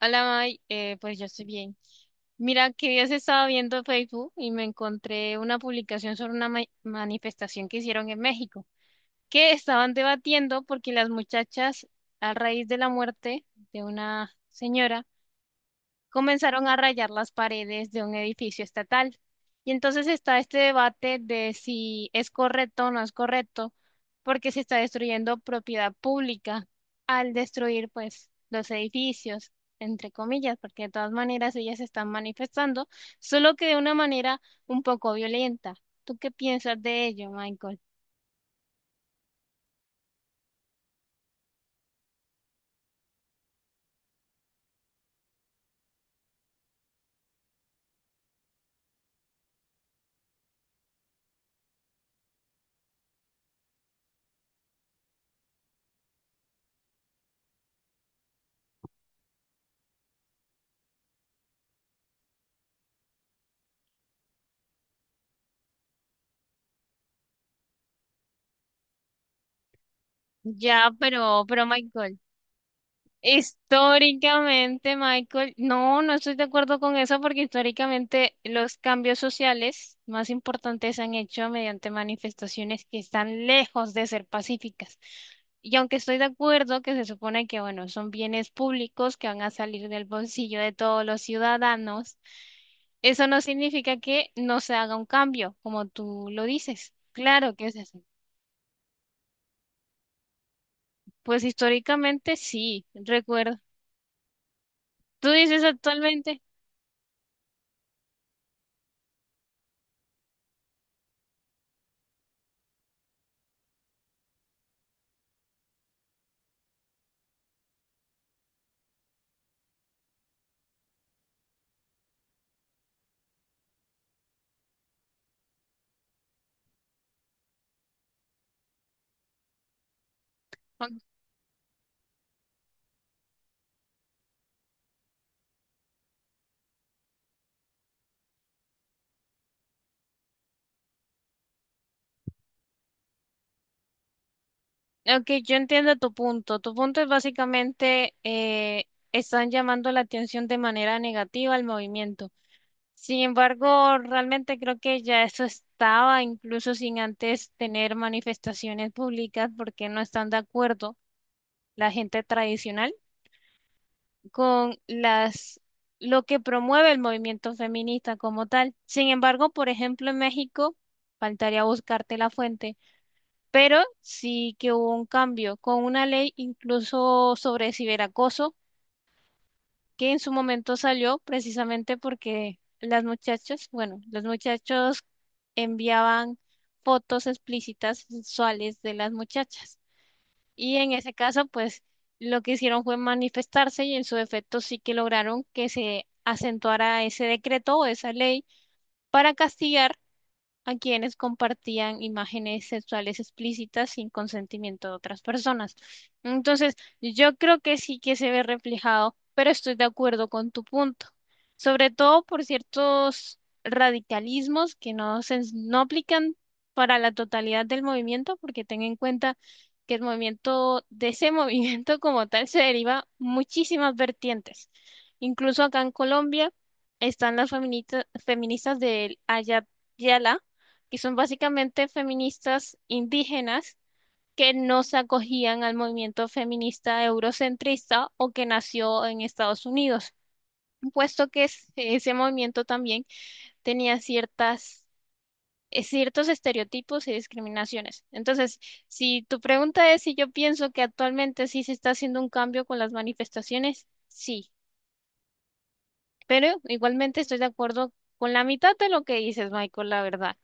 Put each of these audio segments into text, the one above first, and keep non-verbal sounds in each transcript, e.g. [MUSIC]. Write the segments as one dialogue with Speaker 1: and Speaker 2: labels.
Speaker 1: Hola, May. Pues yo estoy bien. Mira, que días estaba viendo Facebook y me encontré una publicación sobre una manifestación que hicieron en México, que estaban debatiendo porque las muchachas, a raíz de la muerte de una señora, comenzaron a rayar las paredes de un edificio estatal. Y entonces está este debate de si es correcto o no es correcto, porque se está destruyendo propiedad pública al destruir pues los edificios, entre comillas, porque de todas maneras ellas se están manifestando, solo que de una manera un poco violenta. ¿Tú qué piensas de ello, Michael? Ya, pero Michael. Históricamente, Michael, no estoy de acuerdo con eso porque históricamente los cambios sociales más importantes se han hecho mediante manifestaciones que están lejos de ser pacíficas. Y aunque estoy de acuerdo que se supone que, bueno, son bienes públicos que van a salir del bolsillo de todos los ciudadanos, eso no significa que no se haga un cambio, como tú lo dices. Claro que es así. Pues históricamente sí, recuerdo. ¿Tú dices actualmente? Ok, yo entiendo tu punto. Tu punto es básicamente están llamando la atención de manera negativa al movimiento. Sin embargo, realmente creo que ya eso estaba, incluso sin antes tener manifestaciones públicas, porque no están de acuerdo la gente tradicional con las lo que promueve el movimiento feminista como tal. Sin embargo, por ejemplo, en México, faltaría buscarte la fuente pero sí que hubo un cambio con una ley incluso sobre ciberacoso que en su momento salió precisamente porque las muchachas, bueno, los muchachos enviaban fotos explícitas sexuales de las muchachas y en ese caso pues lo que hicieron fue manifestarse y en su defecto sí que lograron que se acentuara ese decreto o esa ley para castigar a quienes compartían imágenes sexuales explícitas sin consentimiento de otras personas. Entonces, yo creo que sí que se ve reflejado, pero estoy de acuerdo con tu punto, sobre todo por ciertos radicalismos que no se no aplican para la totalidad del movimiento, porque ten en cuenta que el movimiento de ese [LAUGHS] movimiento como tal se deriva muchísimas vertientes. Incluso acá en Colombia están las feministas del Ayat y son básicamente feministas indígenas que no se acogían al movimiento feminista eurocentrista o que nació en Estados Unidos, puesto que ese movimiento también tenía ciertas, ciertos estereotipos y discriminaciones. Entonces, si tu pregunta es si yo pienso que actualmente sí se está haciendo un cambio con las manifestaciones, sí, pero igualmente estoy de acuerdo con la mitad de lo que dices, Michael, la verdad.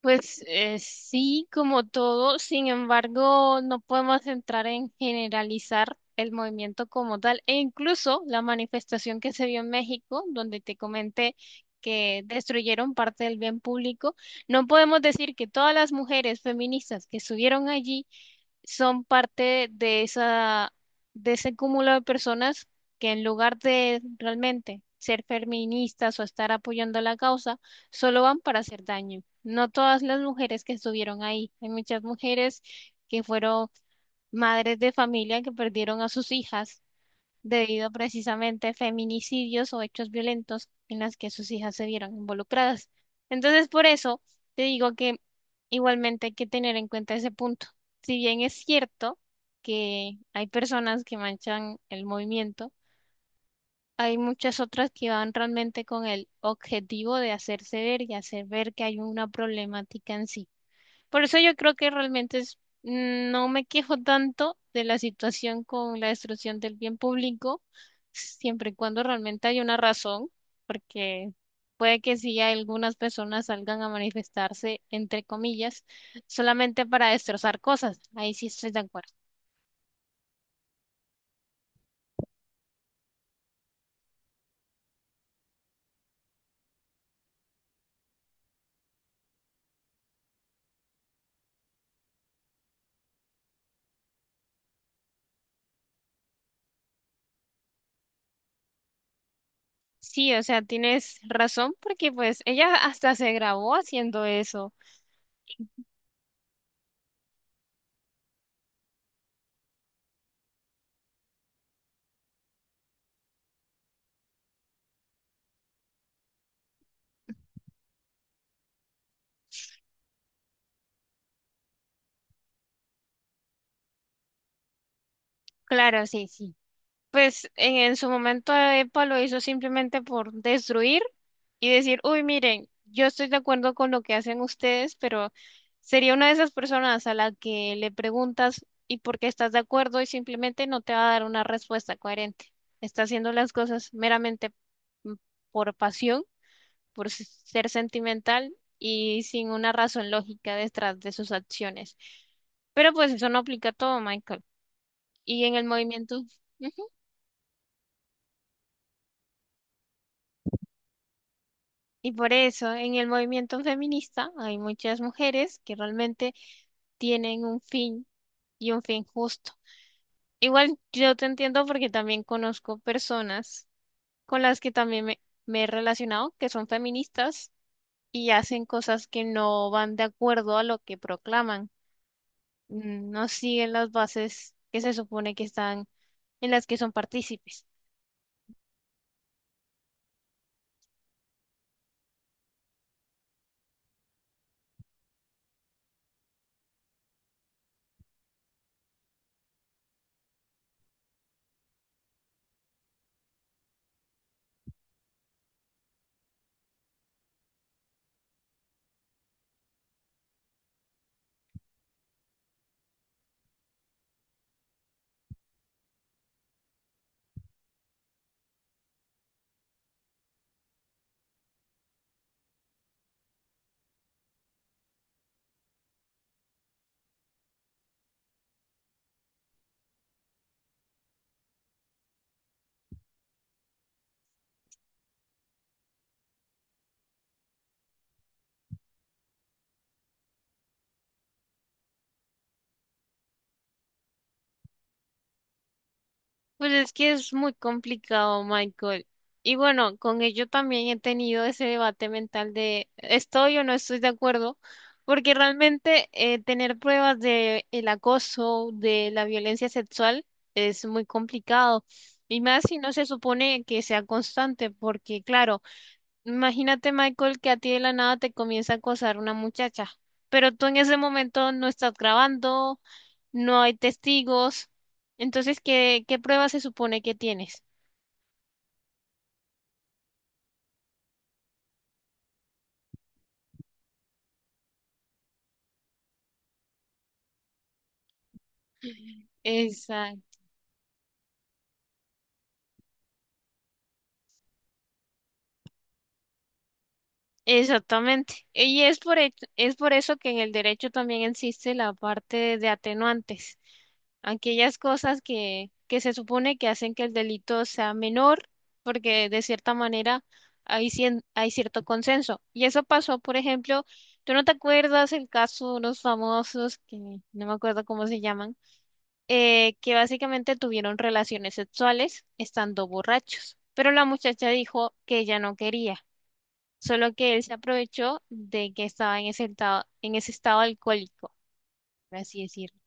Speaker 1: Pues sí, como todo, sin embargo, no podemos entrar en generalizar el movimiento como tal, e incluso la manifestación que se vio en México, donde te comenté que destruyeron parte del bien público, no podemos decir que todas las mujeres feministas que estuvieron allí son parte de esa, de ese cúmulo de personas que en lugar de realmente ser feministas o estar apoyando la causa, solo van para hacer daño. No todas las mujeres que estuvieron ahí. Hay muchas mujeres que fueron madres de familia que perdieron a sus hijas debido a precisamente a feminicidios o hechos violentos en las que sus hijas se vieron involucradas. Entonces, por eso te digo que igualmente hay que tener en cuenta ese punto. Si bien es cierto que hay personas que manchan el movimiento, hay muchas otras que van realmente con el objetivo de hacerse ver y hacer ver que hay una problemática en sí. Por eso yo creo que realmente es, no me quejo tanto de la situación con la destrucción del bien público, siempre y cuando realmente hay una razón, porque puede que sí algunas personas salgan a manifestarse, entre comillas, solamente para destrozar cosas. Ahí sí estoy de acuerdo. Sí, o sea, tienes razón porque pues ella hasta se grabó haciendo eso. Claro, sí, sí. Pues en su momento EPA lo hizo simplemente por destruir y decir, uy, miren, yo estoy de acuerdo con lo que hacen ustedes, pero sería una de esas personas a la que le preguntas y por qué estás de acuerdo y simplemente no te va a dar una respuesta coherente. Está haciendo las cosas meramente mm, por pasión, por ser sentimental y sin una razón lógica detrás de sus acciones. Pero pues eso no aplica a todo, Michael. Y en el movimiento... Y por eso en el movimiento feminista hay muchas mujeres que realmente tienen un fin y un fin justo. Igual yo te entiendo porque también conozco personas con las que también me he relacionado que son feministas y hacen cosas que no van de acuerdo a lo que proclaman. No siguen las bases que se supone que están en las que son partícipes. Pues es que es muy complicado, Michael. Y bueno, con ello también he tenido ese debate mental de estoy o no estoy de acuerdo, porque realmente tener pruebas de el acoso, de la violencia sexual, es muy complicado. Y más si no se supone que sea constante, porque claro, imagínate, Michael, que a ti de la nada te comienza a acosar una muchacha, pero tú en ese momento no estás grabando no hay testigos. Entonces, ¿qué prueba se supone que tienes? Exacto. Exactamente. Y es por, es por eso que en el derecho también existe la parte de atenuantes, aquellas cosas que se supone que hacen que el delito sea menor, porque de cierta manera hay, hay cierto consenso. Y eso pasó, por ejemplo, ¿tú no te acuerdas el caso de unos famosos que no me acuerdo cómo se llaman? Eh, que básicamente tuvieron relaciones sexuales estando borrachos, pero la muchacha dijo que ella no quería, solo que él se aprovechó de que estaba en ese estado alcohólico, por así decirlo.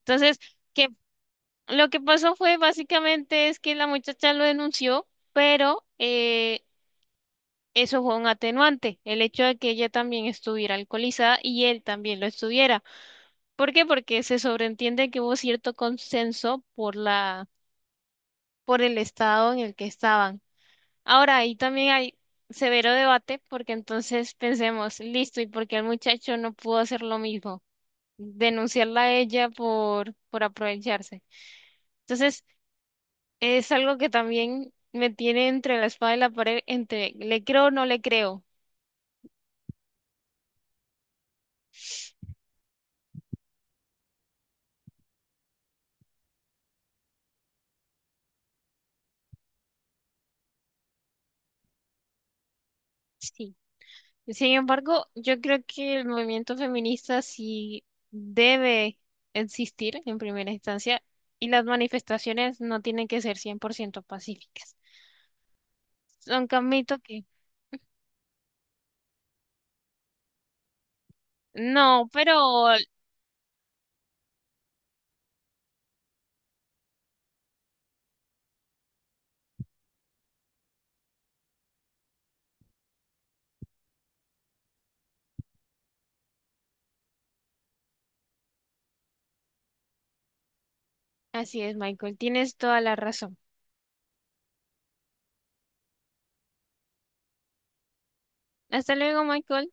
Speaker 1: Entonces, que lo que pasó fue básicamente es que la muchacha lo denunció, pero eso fue un atenuante, el hecho de que ella también estuviera alcoholizada y él también lo estuviera. ¿Por qué? Porque se sobreentiende que hubo cierto consenso por la por el estado en el que estaban. Ahora, ahí también hay severo debate porque entonces pensemos, listo, ¿y por qué el muchacho no pudo hacer lo mismo? Denunciarla a ella por aprovecharse. Entonces, es algo que también me tiene entre la espada y la pared, entre le creo o no le creo. Sí. Sin embargo, yo creo que el movimiento feminista sí debe existir en primera instancia y las manifestaciones no tienen que ser 100% pacíficas. Son Camito que... No, pero así es, Michael. Tienes toda la razón. Hasta luego, Michael.